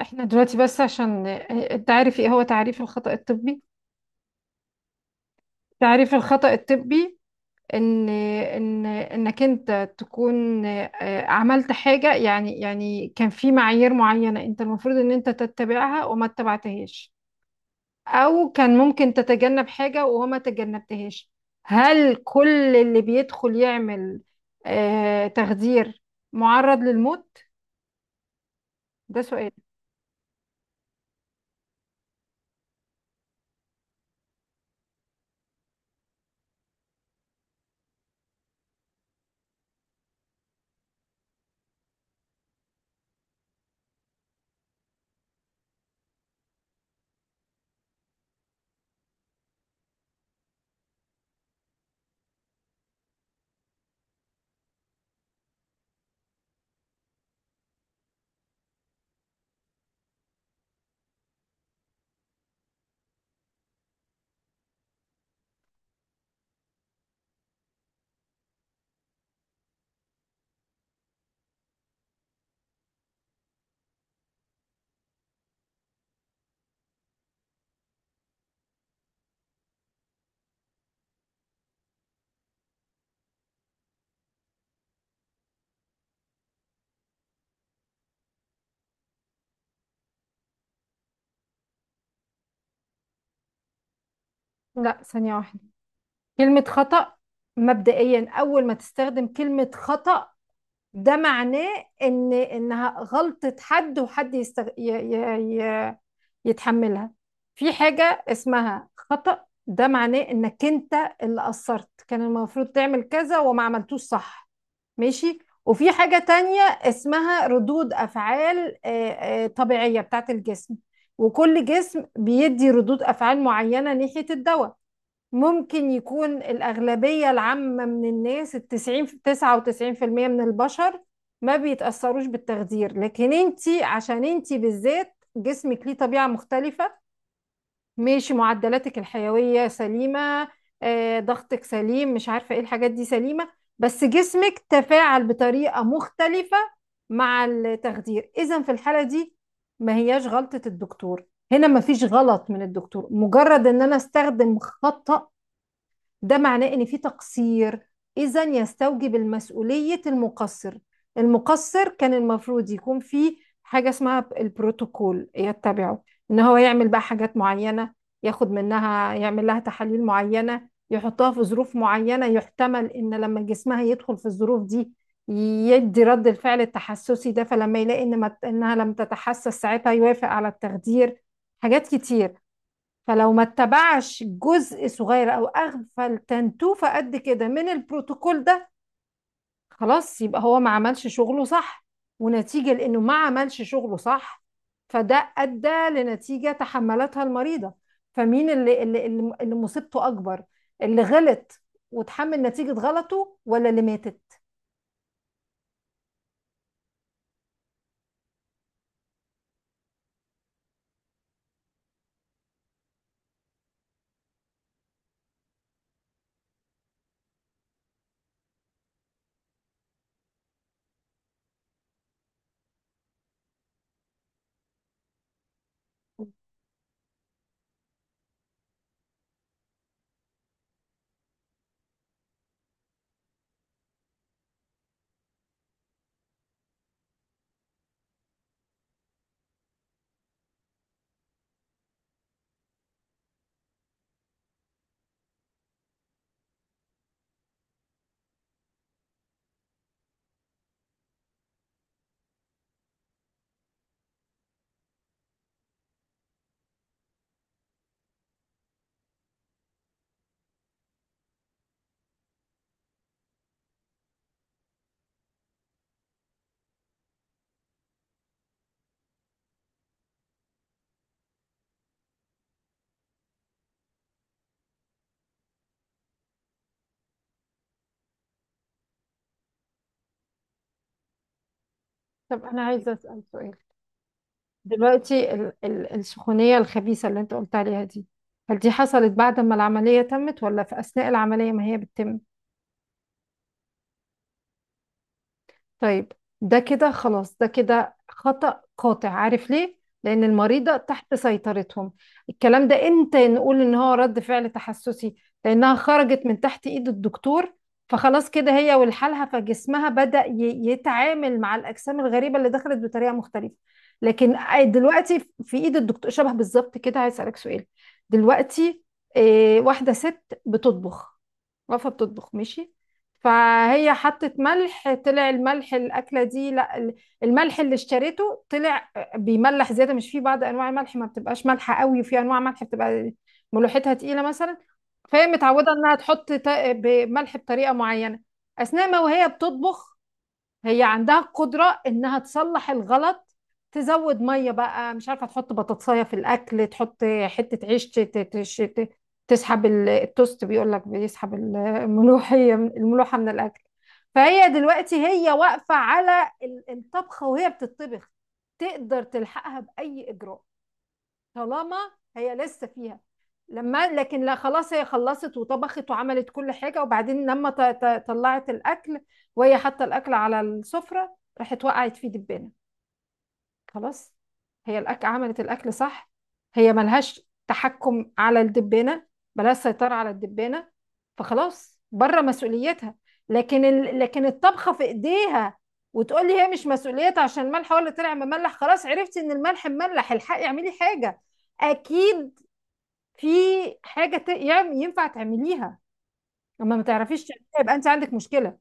احنا دلوقتي بس عشان انت عارف ايه هو تعريف الخطأ الطبي. تعريف الخطأ الطبي ان ان انك انت تكون عملت حاجة، يعني كان في معايير معينة انت المفروض ان انت تتبعها وما اتبعتهاش، او كان ممكن تتجنب حاجة وما تجنبتهاش. هل كل اللي بيدخل يعمل تخدير معرض للموت؟ ده سؤال. لا، ثانية واحدة. كلمة خطأ، مبدئيا أول ما تستخدم كلمة خطأ، ده معناه إن إنها غلطة حد وحد يستغ... ي... ي... ي... يتحملها. في حاجة اسمها خطأ، ده معناه إنك أنت اللي قصرت، كان المفروض تعمل كذا وما عملتوش، صح؟ ماشي. وفي حاجة تانية اسمها ردود أفعال طبيعية بتاعت الجسم، وكل جسم بيدي ردود أفعال معينة ناحية الدواء. ممكن يكون الأغلبية العامة من الناس، التسعين تسعة وتسعين في المية من البشر، ما بيتأثروش بالتخدير، لكن انتي عشان انتي بالذات جسمك ليه طبيعة مختلفة. ماشي، معدلاتك الحيوية سليمة، ضغطك سليم، مش عارفة ايه الحاجات دي سليمة، بس جسمك تفاعل بطريقة مختلفة مع التخدير. إذا في الحالة دي ما هياش غلطة الدكتور، هنا ما فيش غلط من الدكتور. مجرد ان انا استخدم خطأ، ده معناه ان في تقصير، اذا يستوجب المسؤولية المقصر. المقصر كان المفروض يكون في حاجة اسمها البروتوكول يتبعه، ان هو يعمل بقى حاجات معينة، ياخد منها، يعمل لها تحاليل معينة، يحطها في ظروف معينة، يحتمل ان لما جسمها يدخل في الظروف دي يدي رد الفعل التحسسي ده، فلما يلاقي ان ما انها لم تتحسس ساعتها يوافق على التخدير. حاجات كتير. فلو ما اتبعش جزء صغير او اغفل تنتوفة قد كده من البروتوكول ده، خلاص يبقى هو ما عملش شغله صح، ونتيجة لانه ما عملش شغله صح فده ادى لنتيجة تحملتها المريضة. فمين اللي مصيبته اكبر؟ اللي غلط وتحمل نتيجة غلطه ولا اللي ماتت؟ طب انا عايزة اسأل سؤال. دلوقتي ال السخونية الخبيثة اللي انت قلت عليها دي، هل دي حصلت بعد ما العملية تمت ولا في اثناء العملية ما هي بتتم؟ طيب، ده كده خلاص، ده كده خطأ قاطع. عارف ليه؟ لأن المريضة تحت سيطرتهم. الكلام ده امتى نقول إن هو رد فعل تحسسي؟ لأنها خرجت من تحت إيد الدكتور، فخلاص كده هي والحالها، فجسمها بدأ يتعامل مع الأجسام الغريبة اللي دخلت بطريقة مختلفة. لكن دلوقتي في إيد الدكتور شبه بالظبط كده. عايز أسألك سؤال. دلوقتي واحدة ست بتطبخ، واقفة بتطبخ، ماشي. فهي حطت ملح، طلع الملح الأكلة دي، لا ال- الملح اللي اشتريته طلع بيملح زيادة. مش في بعض أنواع الملح ما بتبقاش مالحة قوي، وفي أنواع ملح بتبقى ملوحتها تقيلة مثلا. فهي متعودة إنها تحط ملح بطريقة معينة. أثناء ما وهي بتطبخ هي عندها القدرة انها تصلح الغلط، تزود مية بقى، مش عارفة تحط بطاطساية في الاكل، تحط حتة عيش تسحب التوست، بيقول لك بيسحب الملوحة من الاكل. فهي دلوقتي هي واقفة على الطبخة وهي بتطبخ، تقدر تلحقها بأي إجراء طالما هي لسه فيها. لما لكن لا خلاص، هي خلصت وطبخت وعملت كل حاجة، وبعدين لما طلعت الأكل وهي حاطة الأكل على السفرة، راحت وقعت فيه دبانة. خلاص، هي الأكل عملت الأكل صح، هي ملهاش تحكم على الدبانة، ملهاش سيطرة على الدبانة، فخلاص بره مسؤوليتها. لكن لكن الطبخة في إيديها، وتقول لي هي مش مسؤوليتها عشان الملح هو اللي طلع مملح؟ خلاص، عرفتي إن الملح مملح، الحقي اعملي حاجة. أكيد في حاجة ينفع تعمليها، لما ما تعرفيش تعمليها يبقى أنت عندك مشكلة.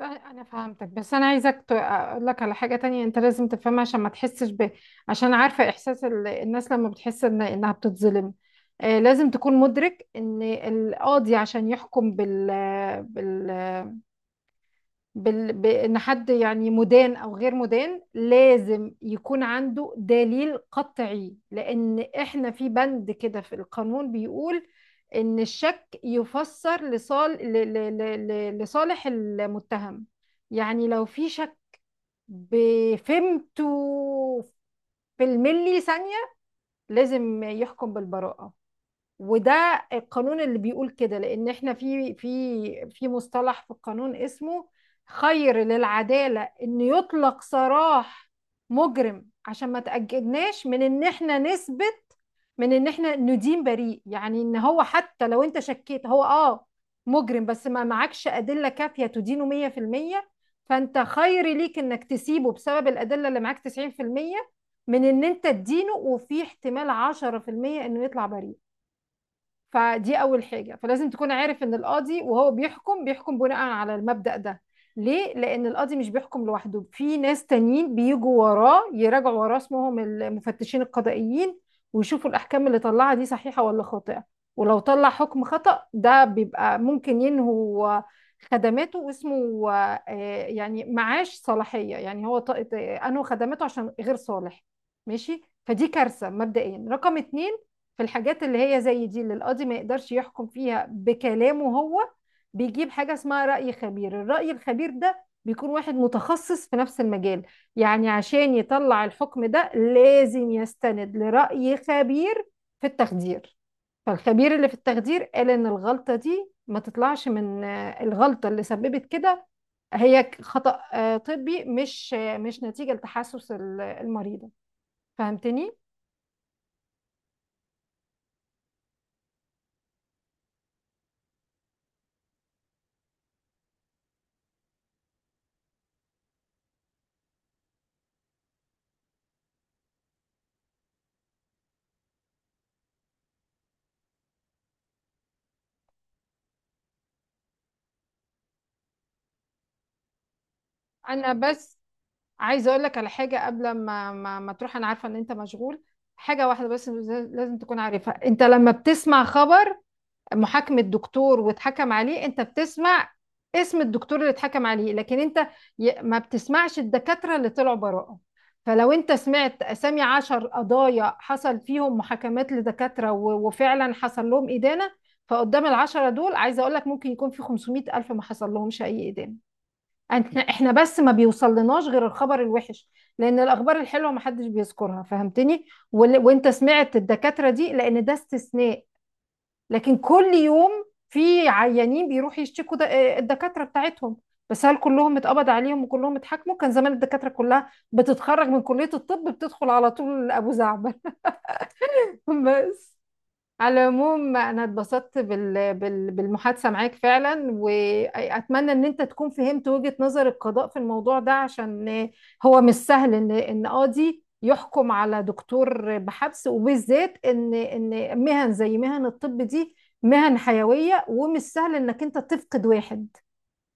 انا فهمتك بس انا عايزك اقول لك على حاجه تانية انت لازم تفهمها عشان ما تحسش ب، عشان عارفه احساس الناس لما بتحس انها بتتظلم. آه، لازم تكون مدرك ان القاضي عشان يحكم بال... بان حد يعني مدان او غير مدان، لازم يكون عنده دليل قطعي. لان احنا في بند كده في القانون بيقول ان الشك يفسر لصالح المتهم. يعني لو في شك بفهمته في الملي ثانية، لازم يحكم بالبراءة. وده القانون اللي بيقول كده، لان احنا في في مصطلح في القانون اسمه خير للعدالة ان يطلق سراح مجرم عشان ما تأجلناش من ان احنا نثبت، من ان احنا ندين بريء. يعني ان هو حتى لو انت شكيت هو اه مجرم، بس ما معكش أدلة كافية تدينه 100%، فانت خير ليك انك تسيبه بسبب الأدلة اللي معاك 90% من ان انت تدينه، وفي احتمال 10% انه يطلع بريء. فدي اول حاجه. فلازم تكون عارف ان القاضي وهو بيحكم بيحكم بناء على المبدأ ده. ليه؟ لان القاضي مش بيحكم لوحده، في ناس تانيين بيجوا وراه يراجعوا وراه اسمهم المفتشين القضائيين، ويشوفوا الاحكام اللي طلعها دي صحيحه ولا خاطئه. ولو طلع حكم خطأ ده بيبقى ممكن ينهوا خدماته واسمه يعني معاش صلاحيه. يعني هو انهوا خدماته عشان غير صالح. ماشي، فدي كارثه مبدئيا. رقم اتنين، في الحاجات اللي هي زي دي اللي القاضي ما يقدرش يحكم فيها بكلامه هو، بيجيب حاجة اسمها رأي خبير. الرأي الخبير ده بيكون واحد متخصص في نفس المجال. يعني عشان يطلع الحكم ده لازم يستند لرأي خبير في التخدير. فالخبير اللي في التخدير قال ان الغلطة دي ما تطلعش من الغلطة اللي سببت كده، هي خطأ طبي، مش نتيجة لتحسس المريضة. فهمتني؟ انا بس عايزه اقول لك على حاجه قبل ما تروح، انا عارفه ان انت مشغول. حاجه واحده بس لازم تكون عارفها. انت لما بتسمع خبر محاكمه دكتور واتحكم عليه، انت بتسمع اسم الدكتور اللي اتحكم عليه، لكن انت ما بتسمعش الدكاتره اللي طلعوا براءه. فلو انت سمعت اسامي عشر قضايا حصل فيهم محاكمات لدكاتره وفعلا حصل لهم ادانه، فقدام العشرة دول عايزه اقول لك ممكن يكون في 500 الف ما حصل لهمش اي ادانه. احنا بس ما بيوصلناش غير الخبر الوحش، لان الاخبار الحلوه ما حدش بيذكرها. فهمتني؟ وانت سمعت الدكاتره دي لان ده استثناء، لكن كل يوم في عيانين بيروحوا يشتكوا الدكاتره بتاعتهم. بس هل كلهم اتقبض عليهم وكلهم اتحاكموا؟ كان زمان الدكاتره كلها بتتخرج من كليه الطب بتدخل على طول ابو زعبل. بس على العموم انا اتبسطت بالمحادثة معاك فعلا، واتمنى ان انت تكون فهمت وجهة نظر القضاء في الموضوع ده، عشان هو مش سهل ان ان قاضي يحكم على دكتور بحبس، وبالذات ان ان مهن زي مهن الطب دي مهن حيوية، ومش سهل انك انت تفقد واحد.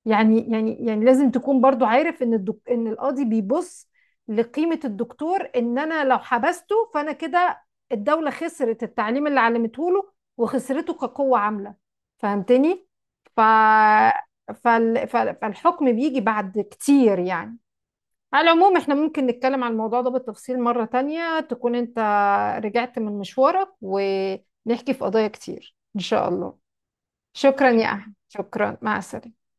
يعني لازم تكون برضو عارف ان القاضي بيبص لقيمة الدكتور، ان انا لو حبسته فانا كده الدولة خسرت التعليم اللي علمته له وخسرته كقوة عاملة. فهمتني؟ ف... فالحكم بيجي بعد كتير يعني. على العموم احنا ممكن نتكلم عن الموضوع ده بالتفصيل مرة تانية، تكون انت رجعت من مشوارك، ونحكي في قضايا كتير ان شاء الله. شكرا يا احمد، شكرا، مع السلامة.